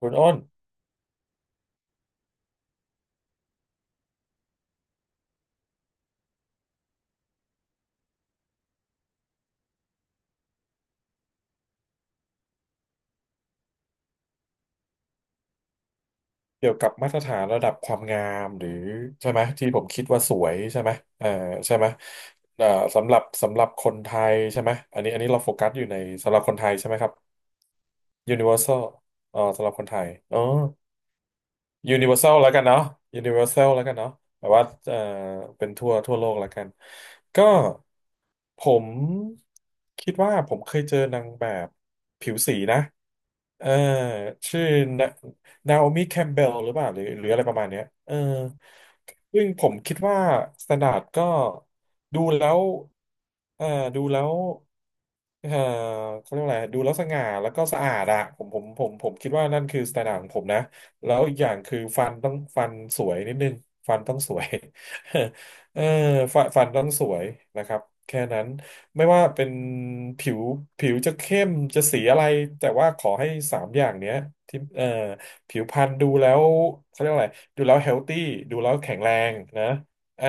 คุณอ้นเกี่ยวกับมาตรฐานระดับความงามหรือใช่ไหมที่ผมคิดว่าสวยใช่ไหมเออใช่ไหมเอ่อสำหรับคนไทยใช่ไหมอันนี้เราโฟกัสอยู่ในสำหรับคนไทยใช่ไหมครับ Universal อ๋อสำหรับคนไทยอ๋อ ยูนิเวอร์แซลแล้วกันเนาะยูนิเวอร์แซลแล้วกันเนาะแบบว่าเป็นทั่วโลกแล้วกันก็ผมคิดว่าผมเคยเจอนางแบบผิวสีนะเออชื่อนาโอมิแคมเบลหรือเปล่าหรืออะไรประมาณเนี้ยเออซึ่งผมคิดว่าสแตนดาร์ดก็ดูแล้วเออดูแล้วเออเขาเรียกว่าอะไรดูแล้วสง่าแล้วก็สะอาดอะผมคิดว่านั่นคือสไตล์ของผมนะ แล้วอีกอย่างคือฟันต้องฟันสวยนิดนึงฟันต้องสวย เออฟันต้องสวยนะครับ แค่นั้นไม่ว่าเป็นผิวผิวจะเข้มจะสีอะไรแต่ว่าขอให้สามอย่างเนี้ยที่ผิวพรรณดูแล้วเขาเรียกว่าอะไรดูแล้วเฮลตี้ดูแล้วแข็งแรงนะอ่า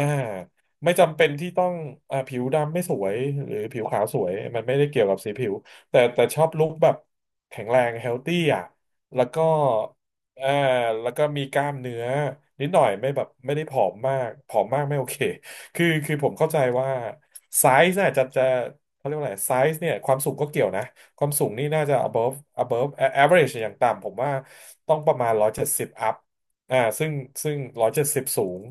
ไม่จำเป็นที่ต้องอ่าผิวดำไม่สวยหรือผิวขาวสวยมันไม่ได้เกี่ยวกับสีผิวแต่ชอบลุคแบบแข็งแรงเฮลตี้อ่ะแล้วก็ อ่าแล้วก็มีกล้ามเนื้อนิดหน่อยไม่แบบไม่ได้ผอมมากไม่โอเค คือผมเข้าใจว่าไซส์น่ะจะเขาเรียกว่าอะไรไซส์เนี่ยความสูงก็เกี่ยวนะความสูงนี่น่าจะ above average อย่างต่ำผมว่าต้องประมาณ170 up อ่าซึ่ง170สบสูง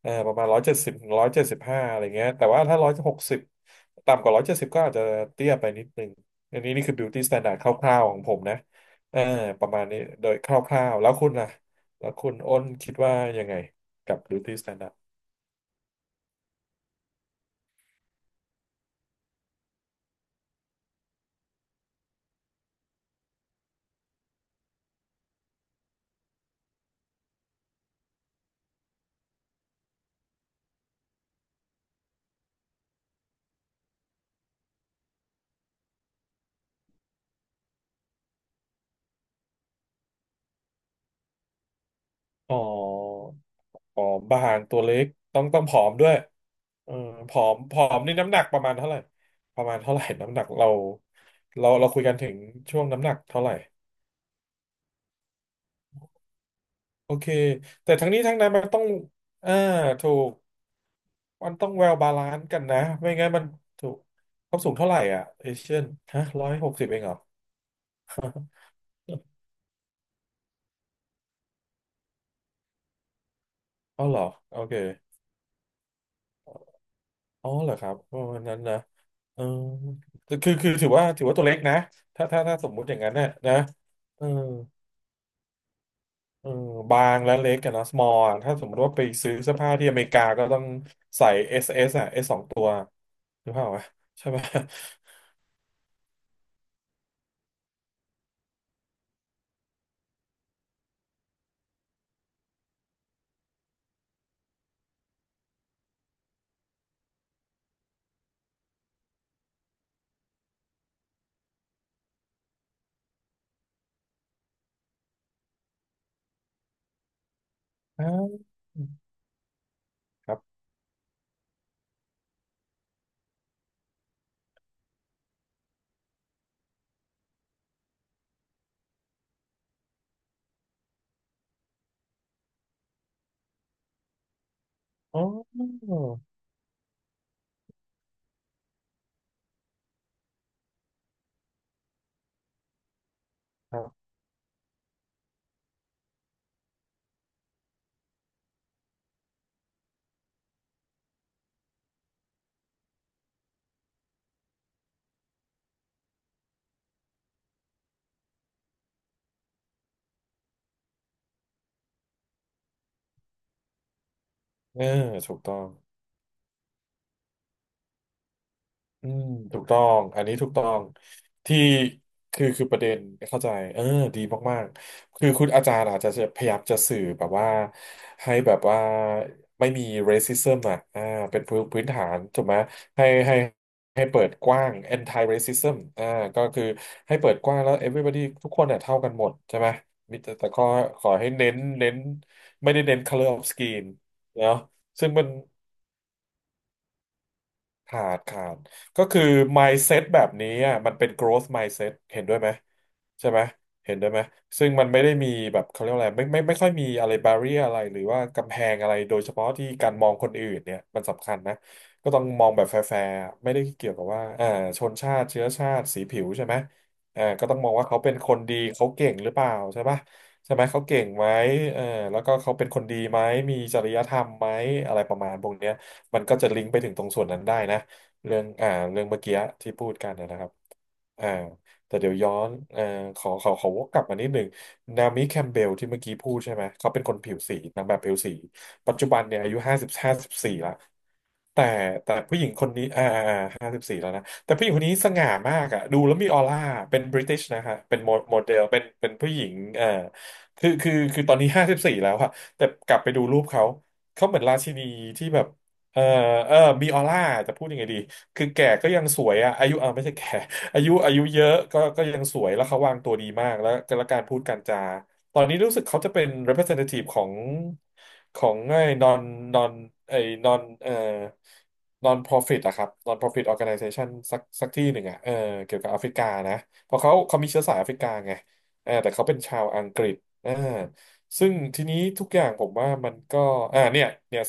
ประมาณ170 175อยเจ็ดสิบ175อะไรเงี้ยแต่ว่าถ้า160ต่ำกว่า170ก็อาจจะเตี้ยไปนิดนึงอันนี้นี่คือ beauty standard คร่าวๆของผมนะ เออประมาณนี้โดยคร่าวๆแล้วคุณล่ะแล้วคุณอ้นคิดว่ายังไงกับ beauty standard อ๋อผอมบางตัวเล็กต้องผอมด้วยเออผอมนี่น้ำหนักประมาณเท่าไหร่ ประมาณเท่าไหร่น้ำหนักเราคุยกันถึงช่วงน้ำหนักเท่าไหร่โอเค แต่ทั้งนี้ทั้งนั้นมันต้องอ่าถูก มันต้องแว l บาลานซ์กันนะ ไม่งั้นมันถูกเขาสูงเท่าไหร่อ่ะเอเชียนฮะร้อยหกสิบเองเหรออ๋อาเหรอโอเค อ๋อเหรอครับประมาณนั้นนะเออคือถือว่าตัวเล็กนะถ้าสมมุติอย่างนั้นเนี่ยนะเออเออบางและเล็กกันนะ small อะถ้าสมมติว่าไปซื้อเสื้อผ้าที่อเมริกาก็ต้องใส่ S อสอ่ะ S สสองตัวหรือเปล่าวะใช่ไหมอ่า ครับอ๋อครับเออถูกต้อง อืมถูกต้องอันนี้ถูกต้องที่คือประเด็นเข้าใจเออดีมากๆคือคุณอาจารย์อาจจะพยายามจะสื่อแบบว่าให้แบบว่าไม่มี racism อ่ะอ่าเป็นพื้นฐานถูกไหมให้ให้ให้เปิดกว้าง anti racism อ่าก็คือให้เปิดกว้างแล้ว everybody ทุกคนเนี่ยเท่ากันหมดใช่ไหมมีแต่ก็ขอให้เน้นไม่ได้เน้น color of skin เนาะซึ่งมัน ขาดก็คือ mindset แบบนี้อ่ะมันเป็น growth mindset เห็นด้วยไหมใช่ไหมเห็นด้วยไหมซึ่งมันไม่ได้มีแบบเขาเรียกว่าอะไรไม่ค่อยมีอะไร barrier อะไรหรือว่ากำแพงอะไรโดยเฉพาะที่การมองคนอื่นเนี่ยมันสำคัญนะก็ต้องมองแบบแฟร์ๆไม่ได้เกี่ยวกับว่าอ่าชนชาติเชื้อชาติสีผิวใช่ไหมอ่าก็ต้องมองว่าเขาเป็นคนดีเขาเก่งหรือเปล่าใช่ปะใช่ไหมเขาเก่งไหมเออแล้วก็เขาเป็นคนดีไหมมีจริยธรรมไหมอะไรประมาณพวกเนี้ย มันก็จะลิงก์ไปถึงตรงส่วนนั้นได้นะเรื่องอ่าเรื่องเมื่อกี้ที่พูดกันนะครับอ่าแต่เดี๋ยวย้อนขอวกกลับมานิดหนึ่งนามิแคมเบลที่เมื่อกี้พูดใช่ไหมเขาเป็นคนผิวสีนางแบบผิวสีปัจจุบันเนี่ยอายุห้าสิบสี่ละแต่แต่ผู้หญิง แต่ผู้หญิงคนนี้สง่ามากอะดูแล้วมีออร่าเป็นบริติชนะฮะเป็นโมเดลเป็นผู้หญิงคือตอนนี้ห้าสิบสี่แล้วอะแต่กลับไปดูรูปเขาเขาเหมือนราชินีที่แบบเออเออมีออร่าจะพูดยังไงดีคือแก่ก็ยังสวยอะอายุเออไม่ใช่แก่ อายุเยอะก็ยังสวยแล้วเขาวางตัวดีมากแล้วแล้วการพูดการจา ตอนนี้รู้สึกเขาจะเป็น representative ของของไอ้ non ไอ้ non เอ่อ non profit อะครับ non profit organization สักที่หนึ่งอะเออเกี่ยวกับแอฟริกานะเพราะเขามีเชื้อสายแอฟริกาไงเออแต่เขาเป็นชาวอังกฤษเออซึ่งทีนี้ทุกอย่างผมว่ามันก็เนี่ย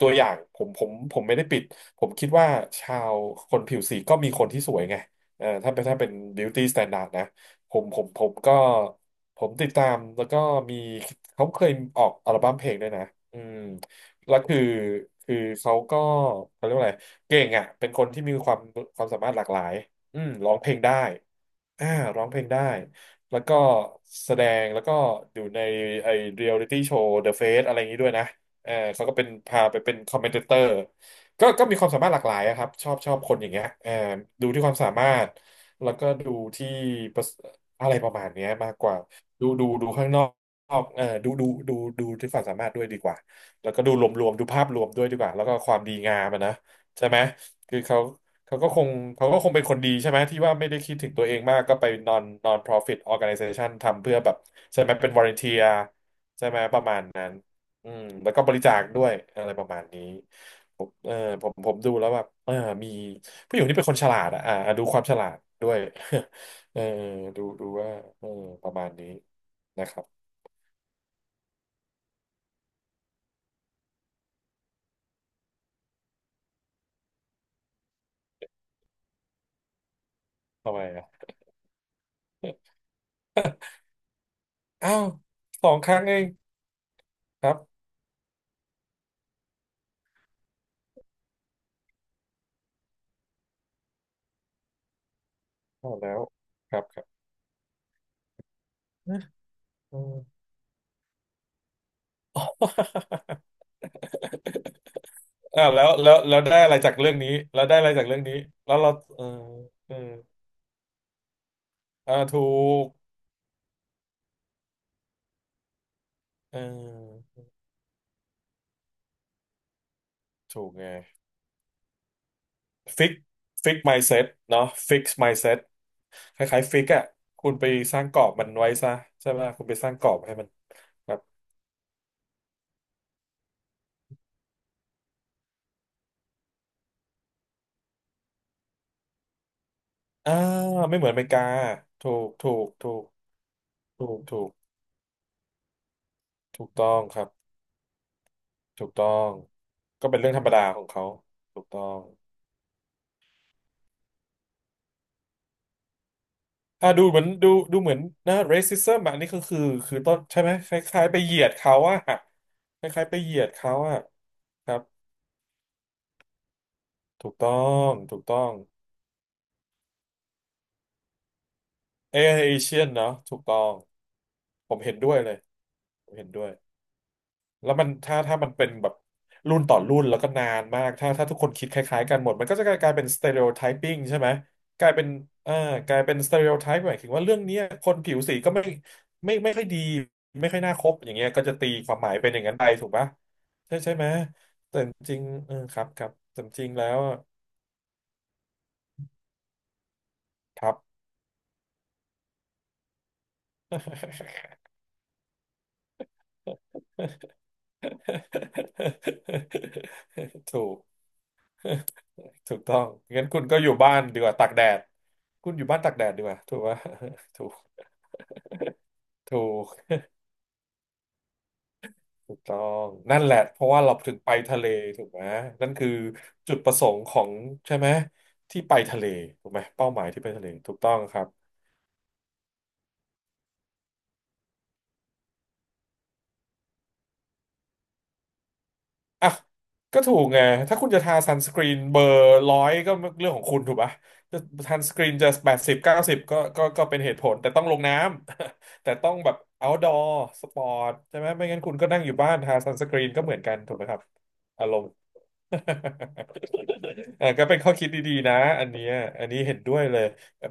ตัวอย่างผมไม่ได้ปิด ผมคิดว่าชาวคนผิวสีก็มีคนที่สวยไงเออถ้าเป็น beauty standard นะ ผมก็ผมติดตามแล้วก็มีเขาเคยออกอัลบั้มเพลงด้วยนะอืมแล้วคือคือเขาก็เขาเรียกว่าอะไรเก่งอ่ะเป็นคนที่มีความความสามารถหลากหลายอืมร้องเพลงได้ อ่าร้องเพลงได้แล้วก็แสดงแล้วก็อยู่ในไอเรียลิตี้โชว์ The Face อะไรอย่างนี้ด้วยนะเออเขาก็เป็นพาไปเป็นคอมเมนเตอร์ก็มีความสามารถหลากหลายอะครับชอบคนอย่างเงี้ยเออดูที่ความสามารถแล้วก็ดูที่ประสอะไรประมาณเนี้ยมากกว่าดูข้างนอกเออดูที่ความสามารถด้วยดีกว่าแล้วก็ดูรวมๆดูภาพรวมด้วยดีกว่าแล้วก็ความดีงามอะนะใช่ไหมคือเขา เขาก็คงเขาก็คงเป็นคนดีใช่ไหมที่ว่าไม่ได้คิดถึงตัวเองมากก็ไป non profit organization ทำเพื่อแบบใช่ไหมเป็น volunteer ใช่ไหมประมาณนั้นอืมแล้วก็บริจาคด้วยอะไรประมาณนี้ผมเออผมดูแล้วแบบเออมีผู้หญิงที่เป็นคนฉลาดอะอ่าดูความฉลาดด้วย เออดูดูว่าเออประมาณนี้นะครับทำไมอะอ้าวสองครั้งเองครับพอแล้วครับครับเออ อ่าแล้วแล้วแล้วได้อะไรจากเรื่องนี้แล้วได้อะไรจากเรื่องนี้แล้วเราเออเอออ่าถูกเออถูกไงฟิกฟิก mindset เนาะฟิก mindset คล้ายๆฟิกอ่ะคุณไปสร้างกรอบมันไว้ซะใช่ไหมคุณไปสร้างกรอบให้มันครับอ่าไม่เหมือนอเมริกาถูกถูกถูกต้องครับถูกต้องก็เป็นเรื่องธรรมดาของเขาถูกต้อง อ่ะดูเหมือนเหมือนนะ racism อะอันนี้ก็คือคือต้นใช่ไหมคล้ายๆไปเหยียดเขาอะคล้ายๆไปเหยียดเขาอะครับถูกต้องถูกต้องเอเชียนเนาะถูกต้องผมเห็นด้วยเลยผมเห็นด้วย แล้วมันถ้ามันเป็นแบบรุ่นต่อรุ่นแล้วก็นานมากถ้าทุกคนคิดคล้ายๆกันหมดมันก็จะกลายเป็น stereotyping ใช่ไหมกลายเป็นเอ่อกลายเป็น stereotype หมายถึงว่าเรื่องเนี้ยคนผิวสีก็ไม่ไม่ค่อยดีไม่ค่อยน่าคบอย่างเงี้ยก็จะตีความหมายเป็นอย่างนั้นไปถูกปะใช่ใช่ไหมจริงเออครับครับจริงๆแล้วอะครับ ถูก ถูกต้องงั้นคุณก็อยู่บ้านดีกว่าตากแดดคุณอยู่บ้านตากแดดดีกว่าถูกไหม ถูกถูกถูกต้องนั่นแหละเพราะว่าเราถึงไปทะเลถูกไหมนั่นคือจุดประสงค์ของใช่ไหมที่ไปทะเลถูกไหมเป้าหมายที่ไปทะเลถูกต้องครับ อ่ะก็ถูกไงถ้าคุณจะทาซันสกรีนเบอร์ร้อยก็เรื่องของคุณถูกปะจะซันสกรีนจะแปดสิบเก้าสิบก็เป็นเหตุผลแต่ต้องลงน้ำ แต่ต้องแบบ outdoor สปอร์ตใช่ไหมไม่งั้นคุณก็นั่งอยู่บ้านทาซันสกรีนก็เหมือนกันถูกไหมครับอารมณ์ เออก็เป็นข้อคิดดีๆนะอันเนี้ยอันนี้เห็นด้วยเลย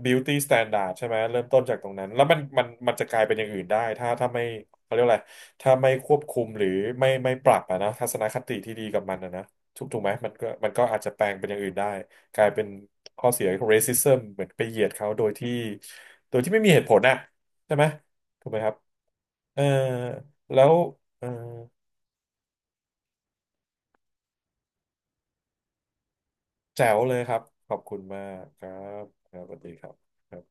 beauty standard ใช่ไหมเริ่มต้นจากตรงนั้นแล้วมันจะกลายเป็นอย่างอื่นได้ถ้าไม่เขาเรียกอะไรถ้าไม่ควบคุมหรือไม่ปรับอะนะทัศนคติที่ดีกับมันอะนะถูกถูกไหมมันก็อาจจะแปลงเป็นอย่างอื่นได้กลายเป็นข้อเสียของ racism เหมือนไปเหยียดเขาโดยที่โดยที่ไม่มีเหตุผลอะใช่ไหมถูกไหมครับเออแล้วเออแจ๋วเลยครับขอบคุณมากครับครับสวัสดีครับ